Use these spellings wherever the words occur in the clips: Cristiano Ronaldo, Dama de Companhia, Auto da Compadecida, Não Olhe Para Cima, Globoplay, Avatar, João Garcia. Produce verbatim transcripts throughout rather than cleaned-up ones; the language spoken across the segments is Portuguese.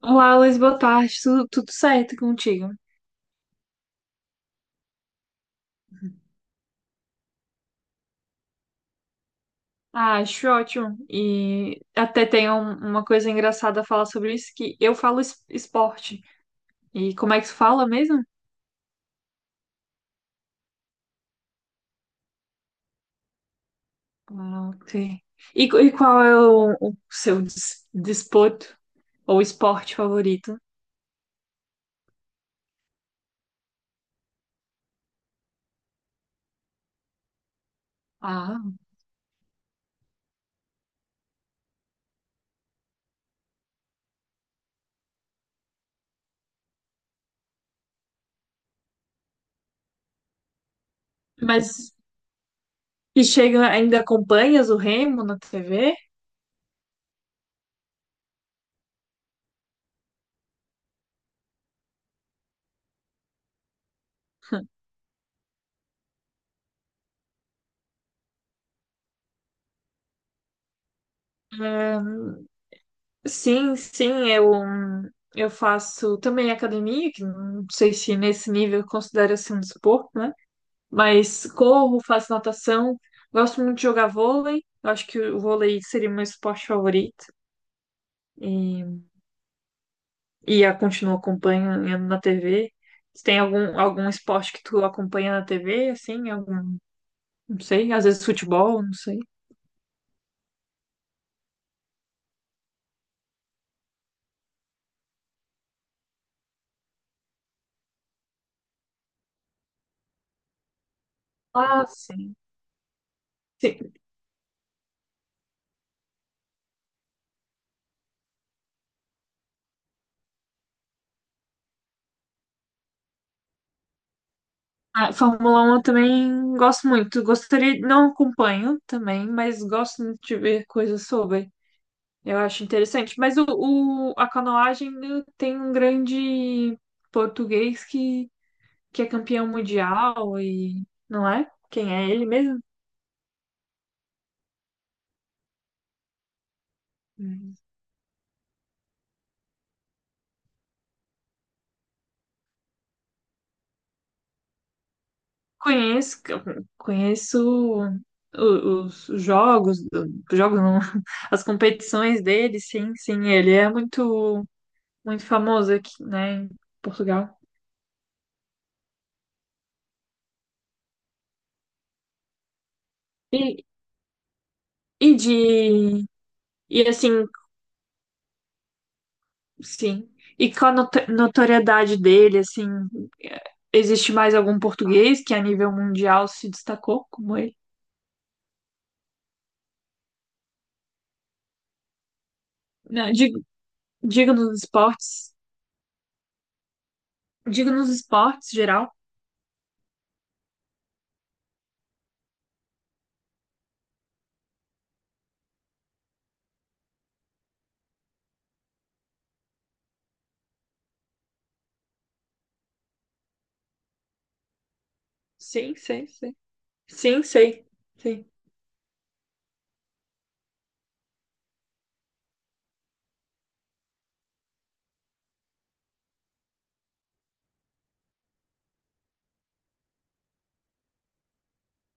Olá, Luiz, boa tarde. Tudo, tudo certo contigo? Ah, acho ótimo. E até tem um- uma coisa engraçada a falar sobre isso, que eu falo es- esporte. E como é que se fala mesmo? Ah, ok. E, qu- e qual é o, o seu des- desporto ou esporte favorito? Ah, mas e chega, ainda acompanhas o Remo na tê vê? Sim, sim, eu, eu faço também academia, que não sei se nesse nível considera-se um desporto, né? Mas corro, faço natação, gosto muito de jogar vôlei, eu acho que o vôlei seria meu esporte favorito e, e eu continuo acompanhando na tê vê. Se tem algum, algum esporte que tu acompanha na tê vê, assim, algum, não sei, às vezes futebol, não sei. Ah, sim. Ah, Fórmula um eu também gosto muito. Gostaria, não acompanho também, mas gosto muito de ver coisas sobre. Eu acho interessante. Mas o, o- a canoagem né, tem um grande português que, que é campeão mundial e não é? Quem é ele mesmo? Hum. Conheço, conheço o- os jogos, jogos não, as competições dele, sim, sim, ele é muito, muito famoso aqui, né, em Portugal. E E de. E assim, sim. E com a noto- notoriedade dele, assim, é, existe mais algum português que a nível mundial se destacou como ele? Não, digo, digo nos esportes. Digo nos esportes, geral. Sim, sei, sei. Sim, sei. Sim.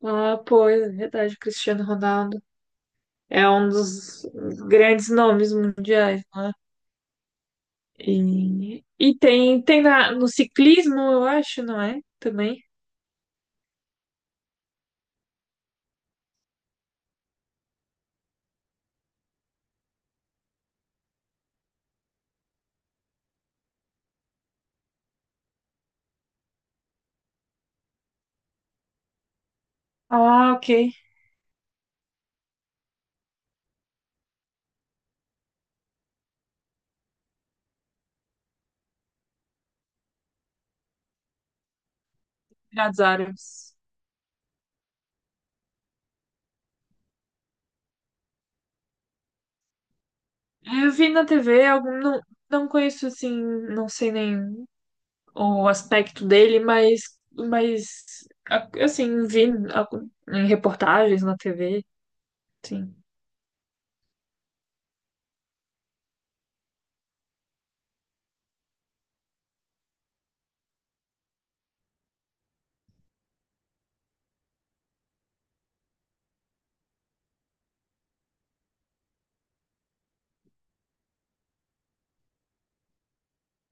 Ah, pois, é verdade, Cristiano Ronaldo é um dos grandes nomes mundiais, não é? E, e tem, tem na, no ciclismo, eu acho, não é? Também. Ah, ok. Emirados Árabes. Eu vi na tê vê, algum, não, não conheço assim, não sei nem o aspecto dele, mas, mas a- assim, vi a- em reportagens na tê vê, sim.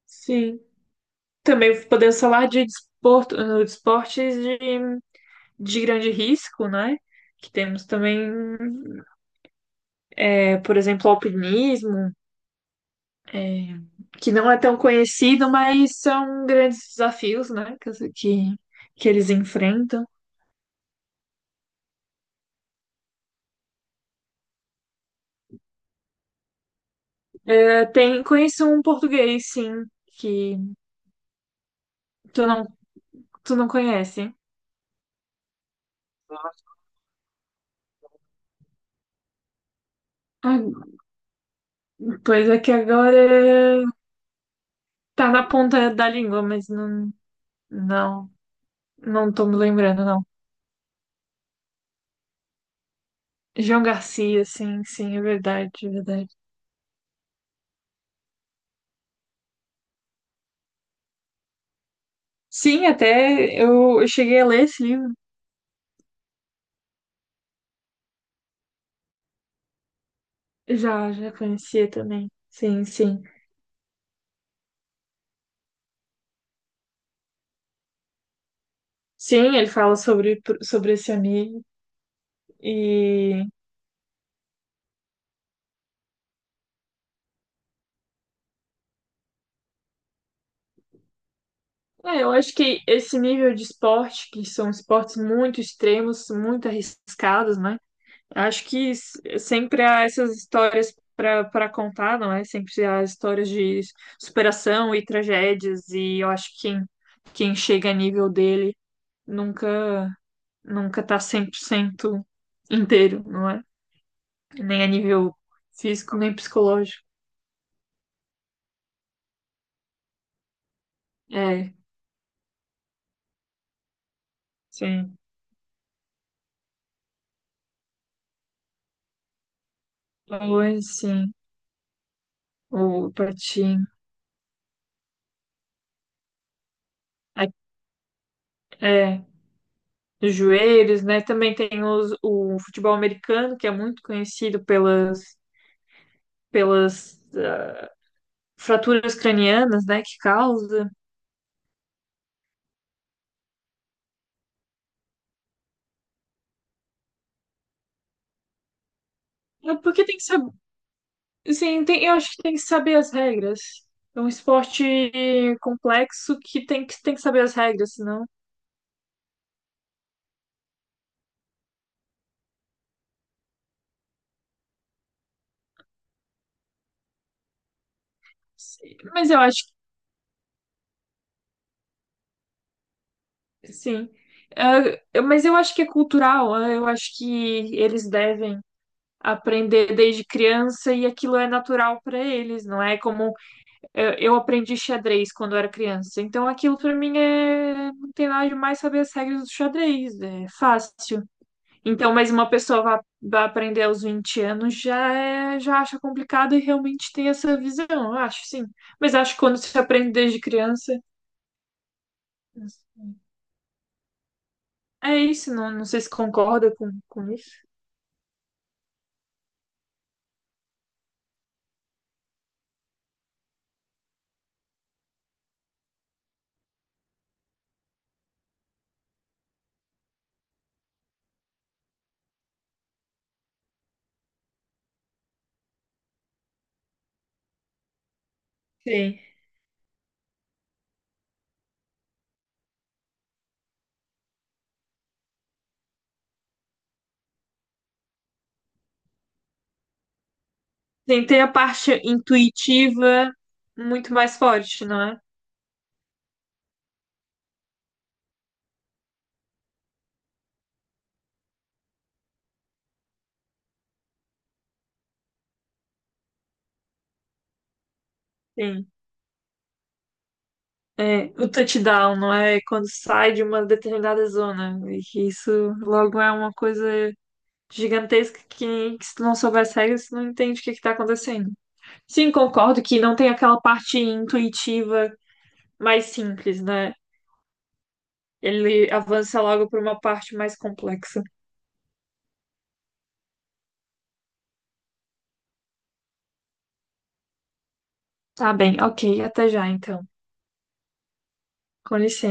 Sim. Também podemos falar de desporto, no- de esportes de, de grande risco, né? Que temos também, é, por exemplo, alpinismo, é, que não é tão conhecido, mas são grandes desafios, né? Que, que, que eles enfrentam. Tem, conheço um português, sim, que tu não, tu não conhece. Ah, pois é que agora tá na ponta da língua, mas não, não, não tô me lembrando, não. João Garcia, sim, sim, é verdade, é verdade. Sim, até eu, eu cheguei a ler esse livro. Já, já conhecia também. Sim, sim. Sim, ele fala sobre, sobre esse amigo e é, eu acho que esse nível de esporte, que são esportes muito extremos, muito arriscados, né? Acho que s- sempre há essas histórias para para contar, não é? Sempre há histórias de superação e tragédias, e eu acho que quem, quem chega a nível dele nunca nunca tá cem por cento inteiro, não é? Nem a nível físico, nem psicológico. É, sim. Oi, sim. O patim. É, os joelhos, né? Também tem os, o futebol americano, que é muito conhecido pelas pelas fraturas cranianas, né, que causa. É porque tem que saber, assim, tem- eu acho que tem que saber as regras. É um esporte complexo que tem que, tem que saber as regras, senão. Sim, mas eu acho que sim. É, eu- mas eu acho que é cultural, é, eu acho que eles devem aprender desde criança e aquilo é natural para eles, não é como eu, eu aprendi xadrez quando eu era criança. Então aquilo para mim é não tem nada demais saber as regras do xadrez, é fácil. Então, mas uma pessoa vai, vai aprender aos vinte anos já é, já acha complicado e realmente tem essa visão, eu acho, sim. Mas acho que quando se aprende desde criança, é isso, não, não sei se concorda com, com isso. Sim. Sim, tem a parte intuitiva muito mais forte, não é? Sim. É, o touchdown, não é? Quando sai de uma determinada zona. E que isso logo é uma coisa gigantesca que, que se tu não souber as regras, tu não entende o que está acontecendo. Sim, concordo que não tem aquela parte intuitiva mais simples, né? Ele avança logo para uma parte mais complexa. Tá bem, ok, até já então. Com licença.